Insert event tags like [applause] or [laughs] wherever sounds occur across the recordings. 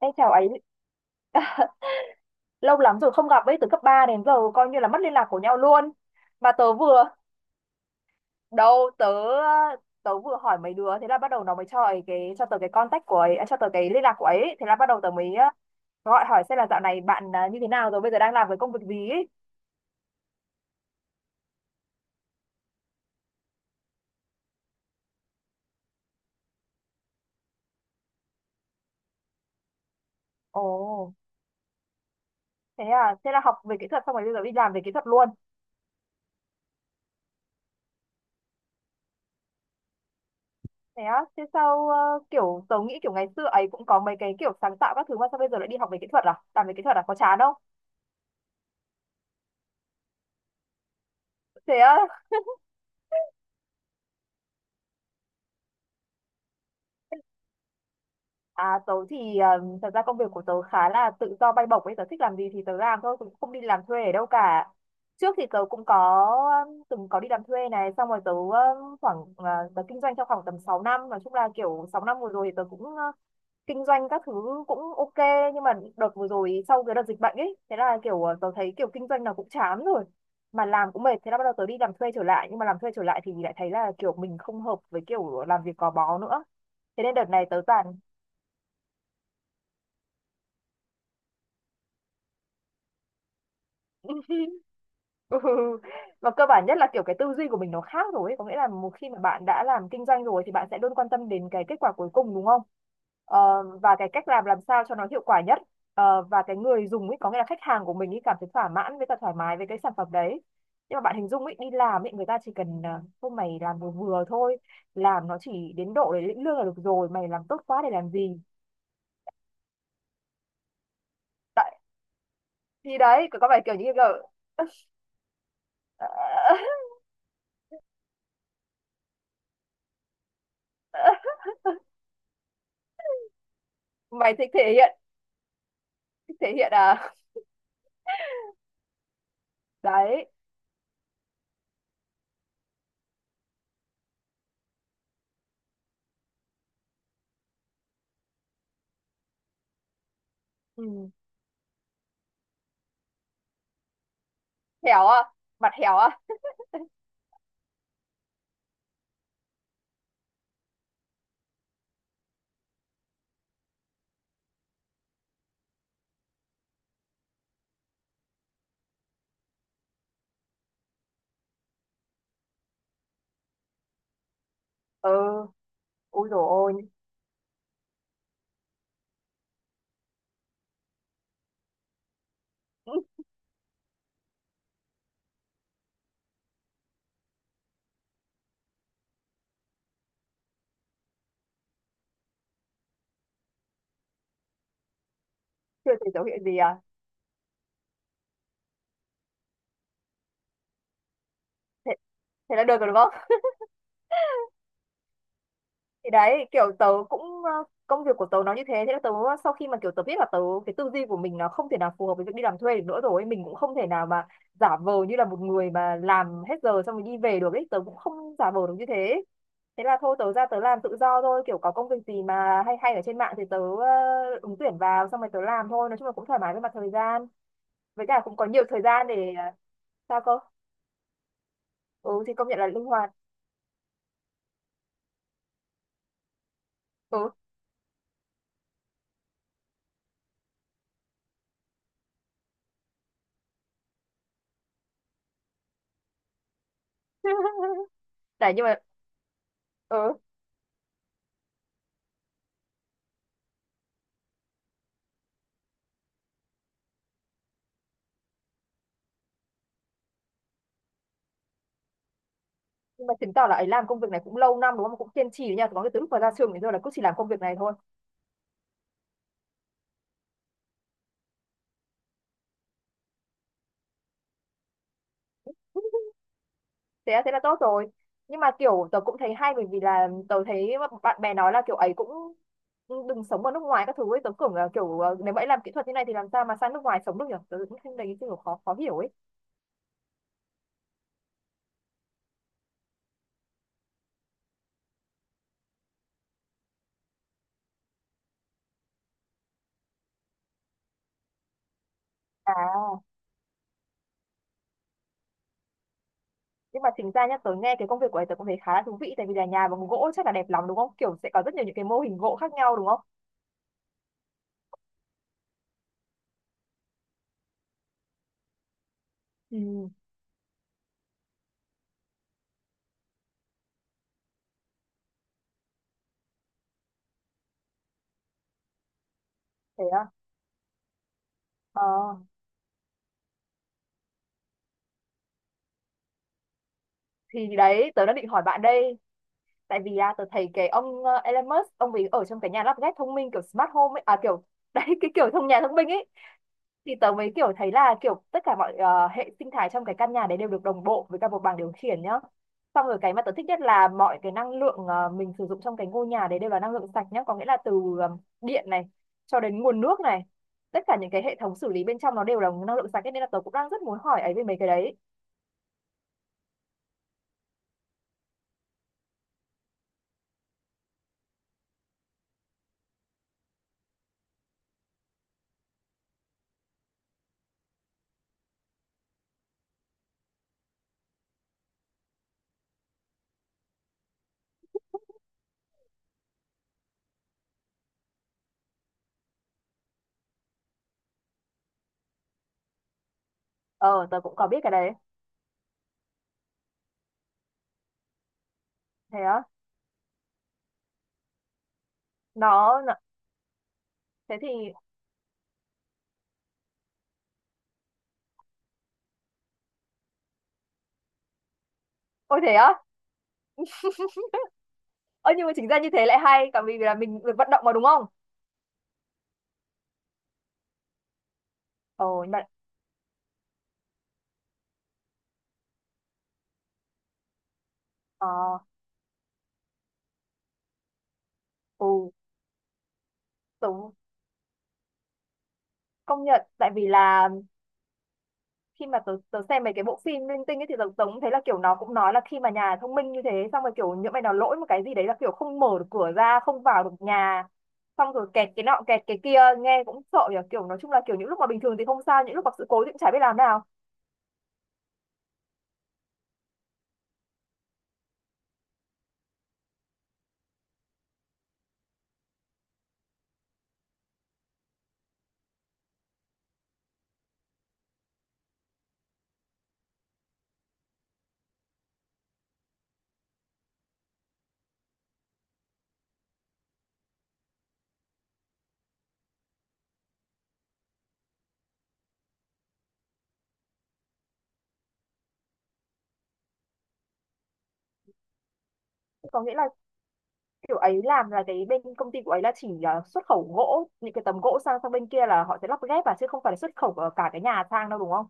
Ê chào ấy. [laughs] Lâu lắm rồi không gặp ấy, từ cấp 3 đến giờ coi như là mất liên lạc của nhau luôn. Mà đâu tớ tớ vừa hỏi mấy đứa, thế là bắt đầu nó mới cho tớ cái contact của ấy, à, cho tớ cái liên lạc của ấy. Thế là bắt đầu tớ mới gọi hỏi xem là dạo này bạn như thế nào rồi, bây giờ đang làm cái công việc gì ấy. Ồ, thế à, thế là học về kỹ thuật xong rồi bây giờ đi làm về kỹ thuật luôn. Thế á, thế sao kiểu tớ nghĩ kiểu ngày xưa ấy cũng có mấy cái kiểu sáng tạo các thứ, mà sao bây giờ lại đi học về kỹ thuật à, làm về kỹ thuật à, có chán không? Thế á. À, tớ thì thật ra công việc của tớ khá là tự do bay bổng ấy, tớ thích làm gì thì tớ làm thôi, cũng không đi làm thuê ở đâu cả. Trước thì tớ cũng có từng có đi làm thuê này, xong rồi tớ khoảng tớ kinh doanh trong khoảng tầm 6 năm, nói chung là kiểu 6 năm vừa rồi thì tớ cũng kinh doanh các thứ cũng ok, nhưng mà đợt vừa rồi sau cái đợt dịch bệnh ấy, thế là kiểu tớ thấy kiểu kinh doanh nào cũng chán rồi, mà làm cũng mệt. Thế là bắt đầu tớ đi làm thuê trở lại, nhưng mà làm thuê trở lại thì lại thấy là kiểu mình không hợp với kiểu làm việc gò bó nữa. Thế nên đợt này tớ toàn [laughs] [laughs] ừ. Và cơ bản nhất là kiểu cái tư duy của mình nó khác rồi ấy. Có nghĩa là một khi mà bạn đã làm kinh doanh rồi thì bạn sẽ luôn quan tâm đến cái kết quả cuối cùng, đúng không? Ờ, và cái cách làm sao cho nó hiệu quả nhất. Ờ, và cái người dùng ấy, có nghĩa là khách hàng của mình ấy, cảm thấy thỏa mãn với cả thoải mái với cái sản phẩm đấy. Nhưng mà bạn hình dung ấy, đi làm ấy, người ta chỉ cần thôi mày làm vừa vừa thôi, làm nó chỉ đến độ để lĩnh lương là được rồi, mày làm tốt quá để làm gì? Tại thì đấy có phải kiểu như là [laughs] mày thích thể hiện, thích thể hiện à? Đấy. Ừ. Héo à, mặt héo à. Ừ. Ui dồi ôi. [laughs] Ừ, chưa thấy dấu hiệu gì à. Thế, thế là được rồi đúng không. Thì đấy, kiểu tớ cũng ờ, công việc của tớ nó như thế. Thế là tớ sau khi mà kiểu tớ biết là cái tư duy của mình nó không thể nào phù hợp với việc đi làm thuê được nữa, rồi mình cũng không thể nào mà giả vờ như là một người mà làm hết giờ xong rồi đi về được ấy, tớ cũng không giả vờ được như thế. Thế là thôi tớ ra tớ làm tự do thôi, kiểu có công việc gì mà hay hay ở trên mạng thì tớ ứng tuyển vào xong rồi tớ làm thôi, nói chung là cũng thoải mái với mặt thời gian, với cả cũng có nhiều thời gian để sao cơ? Ừ thì công nhận là linh hoạt. Ừ. [laughs] Đấy nhưng mà ừ, nhưng mà chứng tỏ là ấy làm công việc này cũng lâu năm đúng không, cũng kiên trì đấy nha, có cái từ lúc mà ra trường đến giờ là cứ chỉ làm công việc này thôi. [laughs] Thế là, thế là tốt rồi. Nhưng mà kiểu tớ cũng thấy hay, bởi vì là tớ thấy bạn bè nói là kiểu ấy cũng đừng sống ở nước ngoài các thứ ấy, tớ tưởng là nếu mà ấy làm kỹ thuật như này thì làm sao mà sang nước ngoài sống được nhỉ, tớ cũng thấy đấy kiểu khó, khó hiểu ấy. À, nhưng mà chính ra nhá, tớ nghe cái công việc của ấy tớ cũng thấy khá là thú vị, tại vì là nhà bằng gỗ chắc là đẹp lắm đúng không, kiểu sẽ có rất nhiều những cái mô hình gỗ khác nhau đúng không. Ừ. Thế à. Ờ, thì đấy tớ đang định hỏi bạn đây, tại vì tớ thấy cái ông Elon Musk ông ấy ở trong cái nhà lắp ghép thông minh, kiểu smart home ấy à, kiểu [laughs] đấy cái kiểu thông nhà thông minh ấy. Thì tớ mới kiểu thấy là kiểu tất cả hệ sinh thái trong cái căn nhà đấy đều được đồng bộ với cả một bảng điều khiển nhá. Xong rồi cái mà tớ thích nhất là mọi cái mình sử dụng trong cái ngôi nhà đấy đều là năng lượng sạch nhá, có nghĩa là điện này cho đến nguồn nước này, tất cả những cái hệ thống xử lý bên trong nó đều là năng lượng sạch ấy, nên là tớ cũng đang rất muốn hỏi ấy về mấy cái đấy. Ờ, tớ cũng có biết cái đấy. Thế á. Nó nó. Thế thì ôi thế á. Ơ nhưng mà chính ra như thế lại hay cả, vì là mình được vận động mà đúng không. Ồ nhưng mà ờ, ừ, tớ công nhận tại vì là khi mà tớ xem mấy cái bộ phim linh tinh ấy thì tớ cũng thấy là kiểu nó cũng nói là khi mà nhà thông minh như thế xong rồi kiểu những mày nào lỗi một cái gì đấy là kiểu không mở được cửa ra, không vào được nhà, xong rồi kẹt cái nọ kẹt cái kia nghe cũng sợ nhỉ, kiểu nói chung là kiểu những lúc mà bình thường thì không sao, những lúc gặp sự cố thì cũng chả biết làm nào. Có nghĩa là kiểu ấy làm là cái bên công ty của ấy là chỉ là xuất khẩu gỗ, những cái tấm gỗ sang sang bên kia là họ sẽ lắp ghép à, chứ không phải là xuất khẩu cả cái nhà sang đâu đúng không.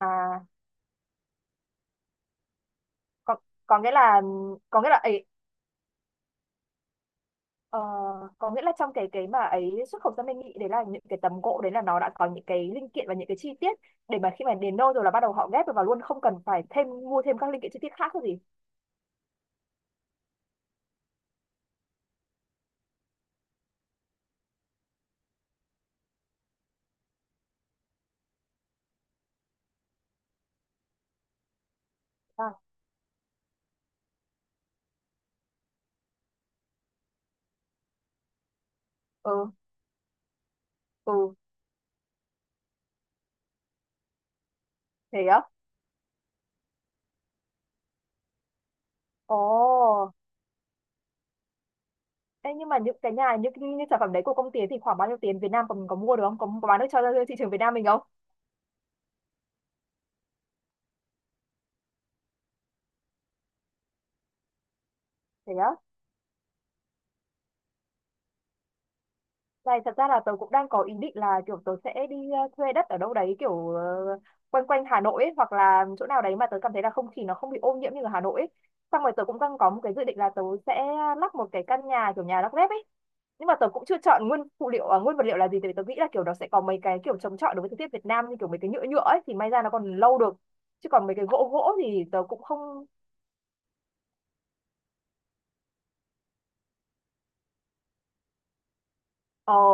À, còn có nghĩa là có nghĩa là ấy. Ờ, có nghĩa là trong cái mà ấy xuất khẩu sang bên Mỹ đấy, là những cái tấm gỗ đấy là nó đã có những cái linh kiện và những cái chi tiết để mà khi mà đến nơi rồi là bắt đầu họ ghép vào luôn, không cần phải thêm mua thêm các linh kiện chi tiết khác cái gì. À, ừ. Ừ, thế á. Ồ. Ê, nhưng mà những cái nhà, những sản phẩm đấy của công ty ấy thì khoảng bao nhiêu tiền Việt Nam, còn có mua được không, có, có bán được cho thị trường Việt Nam mình không? Thế á. Này, thật ra là tớ cũng đang có ý định là kiểu tớ sẽ đi thuê đất ở đâu đấy, quanh quanh Hà Nội ấy, hoặc là chỗ nào đấy mà tớ cảm thấy là không khí nó không bị ô nhiễm như ở Hà Nội ấy. Xong rồi tớ cũng đang có một cái dự định là tớ sẽ lắp một cái căn nhà kiểu nhà lắp ghép ấy. Nhưng mà tớ cũng chưa chọn nguyên vật liệu là gì, tại vì tớ nghĩ là kiểu nó sẽ có mấy cái kiểu chống chọi đối với thời tiết Việt Nam, như kiểu mấy cái nhựa nhựa ấy thì may ra nó còn lâu được. Chứ còn mấy cái gỗ gỗ thì tớ cũng không. Ờ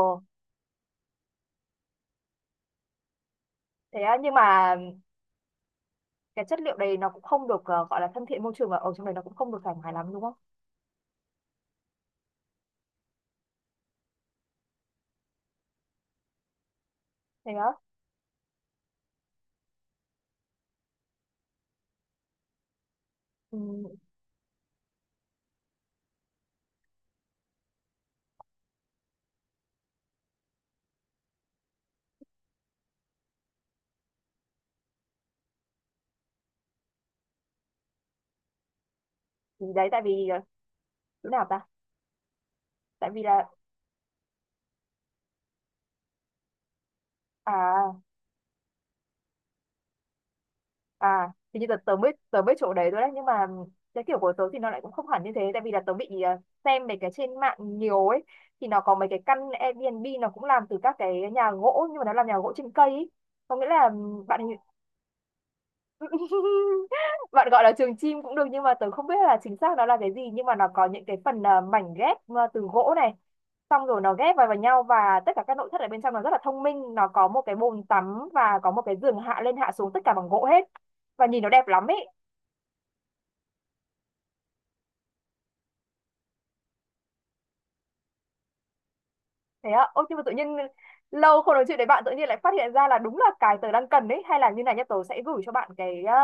thế á, nhưng mà cái chất liệu đấy nó cũng không được gọi là thân thiện môi trường, và ở trong này nó cũng không được thoải mái lắm đúng không? Thế á. Ừ, thì đấy tại vì ờ, chỗ nào ta? Tại vì là à. À thì như tớ tớ mới tớ biết chỗ đấy rồi đấy, nhưng mà cái kiểu của tớ thì nó lại cũng không hẳn như thế, tại vì là tớ bị xem mấy cái trên mạng nhiều ấy, thì nó có mấy cái căn Airbnb nó cũng làm từ các cái nhà gỗ, nhưng mà nó làm nhà gỗ trên cây ấy. Có nghĩa là bạn [laughs] bạn gọi là trường chim cũng được, nhưng mà tớ không biết là chính xác nó là cái gì, nhưng mà nó có những cái mảnh ghép từ gỗ này, xong rồi nó ghép vào vào nhau, và tất cả các nội thất ở bên trong nó rất là thông minh, nó có một cái bồn tắm và có một cái giường hạ lên hạ xuống tất cả bằng gỗ hết, và nhìn nó đẹp lắm ý. Thế ạ, ôi nhưng mà tự nhiên lâu không nói chuyện với bạn tự nhiên lại phát hiện ra là đúng là cái tớ đang cần đấy. Hay là như này nhá, tớ sẽ gửi cho bạn cái ờ,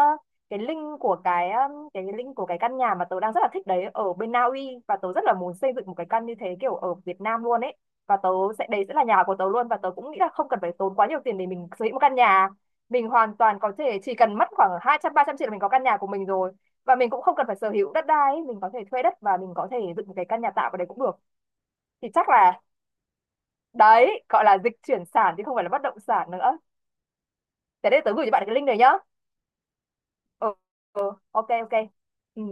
cái link của cái ờ, cái link của cái căn nhà mà tớ đang rất là thích đấy ở bên Na Uy, và tớ rất là muốn xây dựng một cái căn như thế kiểu ở Việt Nam luôn ấy, và tớ sẽ, đấy sẽ là nhà của tớ luôn. Và tớ cũng nghĩ là không cần phải tốn quá nhiều tiền để mình sở hữu một căn nhà, mình hoàn toàn có thể chỉ cần mất khoảng 200 300 triệu là mình có căn nhà của mình rồi. Và mình cũng không cần phải sở hữu đất đai ấy, mình có thể thuê đất và mình có thể dựng một cái căn nhà tạm ở đấy cũng được. Thì chắc là, đấy gọi là dịch chuyển sản chứ không phải là bất động sản nữa. Thế để tớ gửi cho bạn cái link này nhá. Ừ, ừ, ok ok. Ừ.